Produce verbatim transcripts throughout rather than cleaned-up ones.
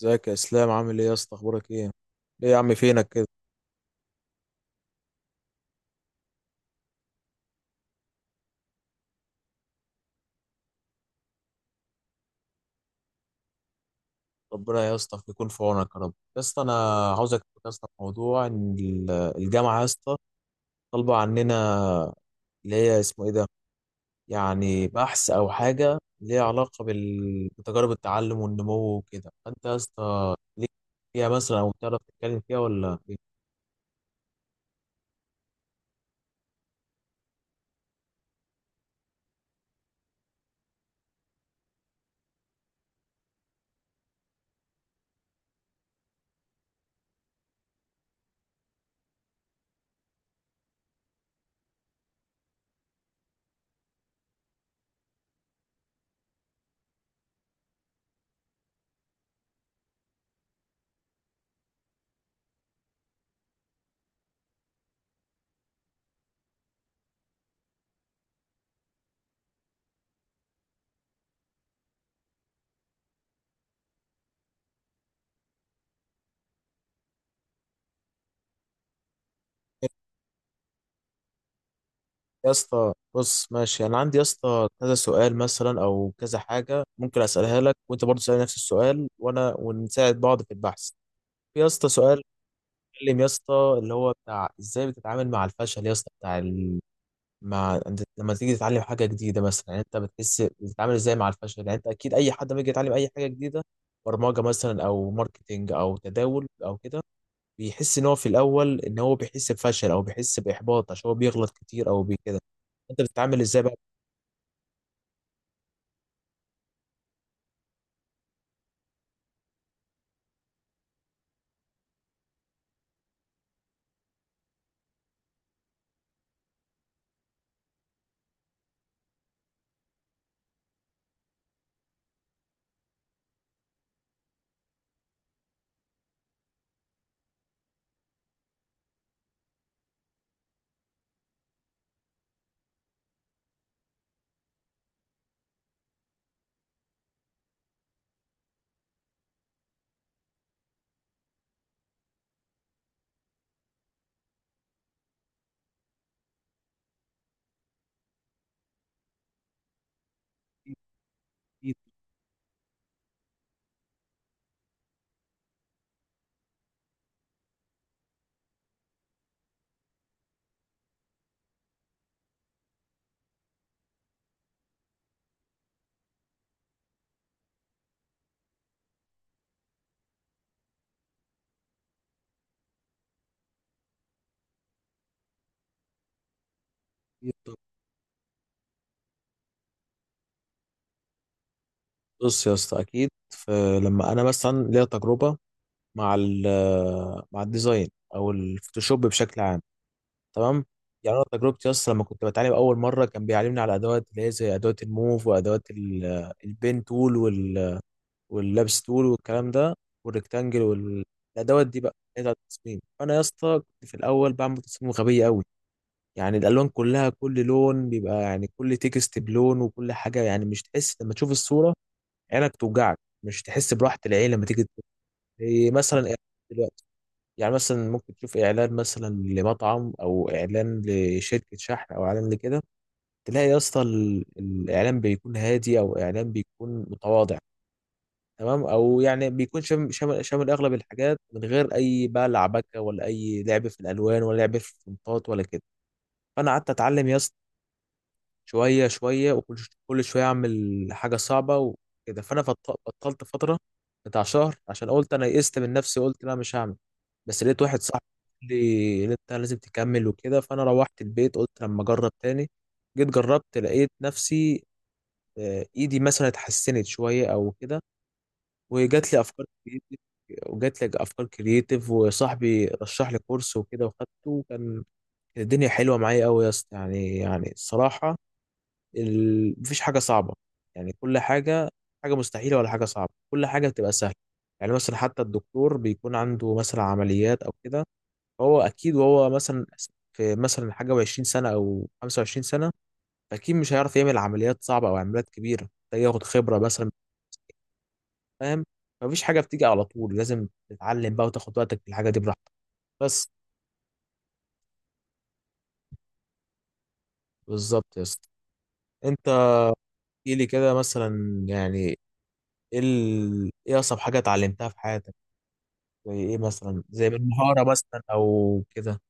ازيك يا اسلام؟ عامل ايه يا اسطى؟ اخبارك ايه؟ ايه يا عم فينك كده؟ ربنا يا اسطى يكون في عونك يا رب. يا اسطى انا عاوزك تشوف يا اسطى في موضوع ان ال- الجامعه يا اسطى طالبه عننا، اللي هي اسمه ايه ده، يعني بحث او حاجه ليها علاقه بال- بتجارب التعلم والنمو وكده، فانت يا اسطى ليك فيها مثلا او تعرف تتكلم فيها ولا إيه؟ يا اسطى بص، ماشي، انا عندي يا اسطى كذا سؤال مثلا او كذا حاجه ممكن اسالها لك، وانت برضه تسالني نفس السؤال، وانا ونساعد بعض في البحث. في يا اسطى سؤال بيتكلم يا اسطى اللي هو بتاع ازاي بتتعامل مع الفشل يا اسطى، بتاع ال... مع انت لما تيجي تتعلم حاجه جديده مثلا، يعني انت بتحس بتتعامل ازاي مع الفشل؟ يعني انت اكيد اي حد لما يجي يتعلم اي حاجه جديده، برمجه مثلا او ماركتينج او تداول او كده، بيحس ان هو في الاول ان هو بيحس بفشل او بيحس باحباط عشان هو بيغلط كتير او بكده. انت بتتعامل ازاي بقى؟ أكيد. أكيد طبعاً. بص يا اسطى، اكيد فلما انا مثلا ليا تجربه مع ال مع الديزاين او الفوتوشوب بشكل عام، تمام؟ يعني انا تجربتي اصلا لما كنت بتعلم اول مره كان بيعلمني على ادوات اللي هي زي ادوات الموف وادوات ال- البين تول وال واللابس تول والكلام ده والريكتانجل والادوات دي بقى اللي هي بتاعت التصميم. فانا يا اسطى كنت في الاول بعمل تصميم غبيه قوي، يعني الالوان كلها كل لون بيبقى، يعني كل تكست بلون وكل حاجه، يعني مش تحس لما تشوف الصوره، عينك توجعك، مش تحس براحة العين لما تيجي تبص. زي مثلا إعلان دلوقتي، يعني مثلا ممكن تشوف اعلان مثلا لمطعم او اعلان لشركة شحن او اعلان لكده، تلاقي يا اسطى ال- الاعلان بيكون هادي او اعلان بيكون متواضع، تمام، او يعني بيكون شام- شامل شامل اغلب الحاجات، من غير اي بقى لعبكه ولا اي لعب في الالوان ولا لعب في الفونتات ولا كده. فانا قعدت اتعلم يا اسطى شوية شوية، وكل كل شوية أعمل حاجة صعبة وكده. فأنا فط- بطلت فترة بتاع شهر عشان قلت أنا يئست من نفسي، قلت لا مش هعمل. بس لقيت واحد صاحبي قال لي إن أنت لازم تكمل وكده، فأنا روحت البيت قلت لما أجرب تاني. جيت جربت لقيت نفسي آه، إيدي مثلا اتحسنت شوية أو كده، وجات لي أفكار كريتيف وجات لي أفكار كريتيف وصاحبي رشح لي كورس وكده وخدته، وكان الدنيا حلوة معايا أوي يا اسطى، يعني يعني الصراحة ال... مفيش حاجة صعبة، يعني كل حاجة حاجة مستحيلة ولا حاجة صعبة، كل حاجة بتبقى سهلة. يعني مثلا حتى الدكتور بيكون عنده مثلا عمليات أو كده، فهو أكيد وهو مثلا في مثلا حاجة وعشرين سنة أو خمسة وعشرين سنة أكيد مش هيعرف يعمل عمليات صعبة أو عمليات كبيرة، محتاج ياخد خبرة مثلا، فاهم؟ مفيش حاجة بتيجي على طول، لازم تتعلم بقى وتاخد وقتك في الحاجة دي براحتك بس. بالظبط يا اسطى. انت احكي لي كده مثلا، يعني ايه ال... ايه اصعب حاجة اتعلمتها في حياتك، زي ايه مثلا، زي بالمهارة مثلا او كده؟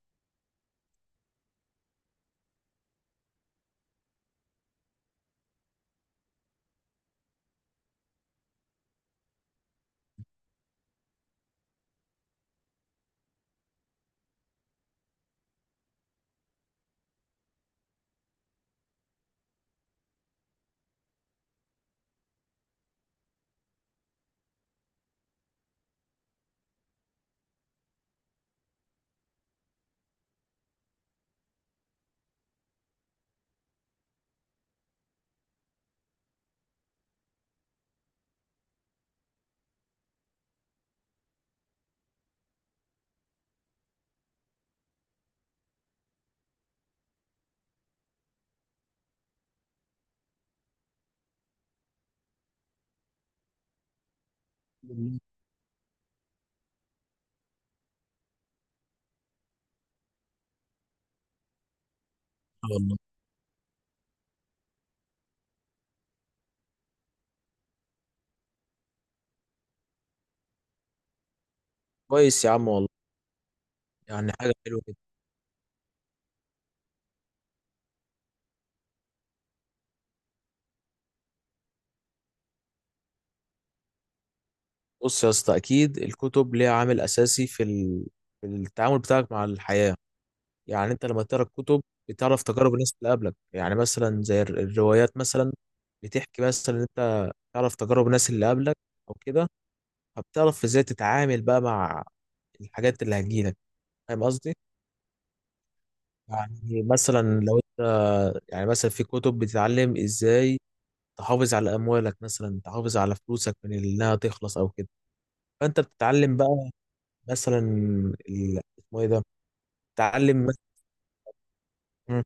والله. كويس يا عم والله، يعني حاجة حلوة كده. بص يا اسطى، اكيد الكتب ليها عامل اساسي في ال... في التعامل بتاعك مع الحياة، يعني انت لما تقرا الكتب بتعرف تجارب الناس اللي قبلك، يعني مثلا زي الر- الروايات مثلا بتحكي مثلا إن انت تعرف تجارب الناس اللي قبلك او كده، فبتعرف ازاي تتعامل بقى مع الحاجات اللي هتجيلك، فاهم قصدي؟ يعني مثلا لو انت، يعني مثلا في كتب بتتعلم ازاي تحافظ على اموالك مثلا، تحافظ على فلوسك من انها تخلص او كده، فانت بتتعلم بقى مثلا ال- اسمه ايه ده، تتعلم مثلا. مم.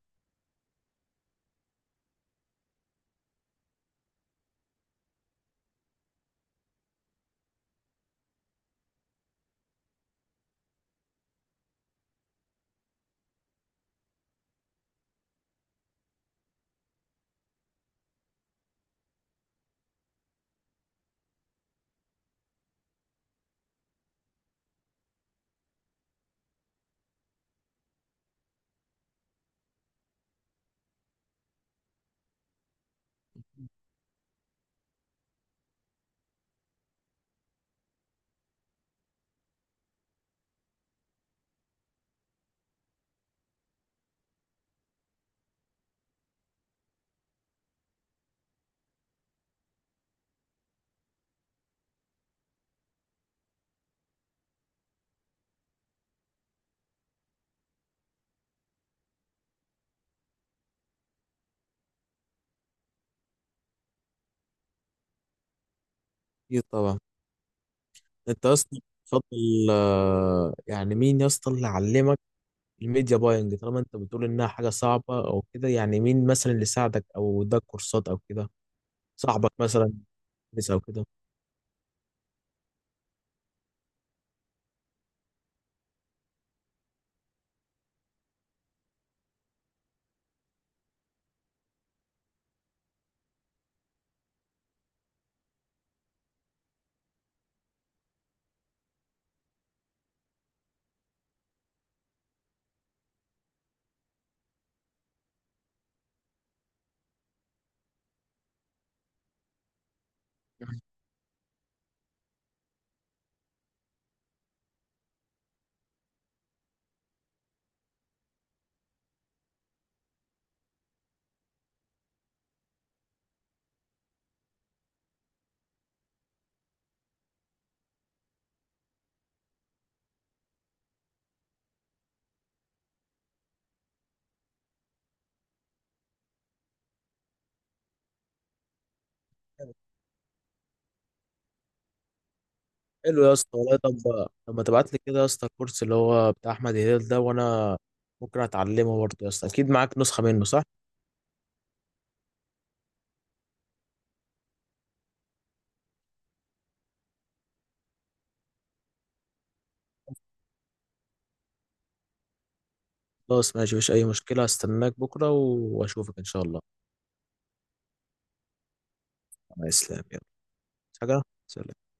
اكيد طبعا. انت اصلا تفضل آه، يعني مين يا اسطى اللي علمك الميديا باينج، طالما انت بتقول انها حاجه صعبه او كده؟ يعني مين مثلا اللي ساعدك او اداك كورسات او كده، صاحبك مثلا بس او كده؟ حلو يا اسطى والله. طب، طب ما تبعت لي كده يا اسطى الكورس اللي هو بتاع احمد هلال ده، وانا ممكن اتعلمه برضه يا اسطى، اكيد معاك نسخه منه صح؟ خلاص ماشي، مفيش أي مشكلة، هستناك بكرة وأشوفك إن شاء الله. مع السلامة، يلا. عايز حاجة؟ سلام.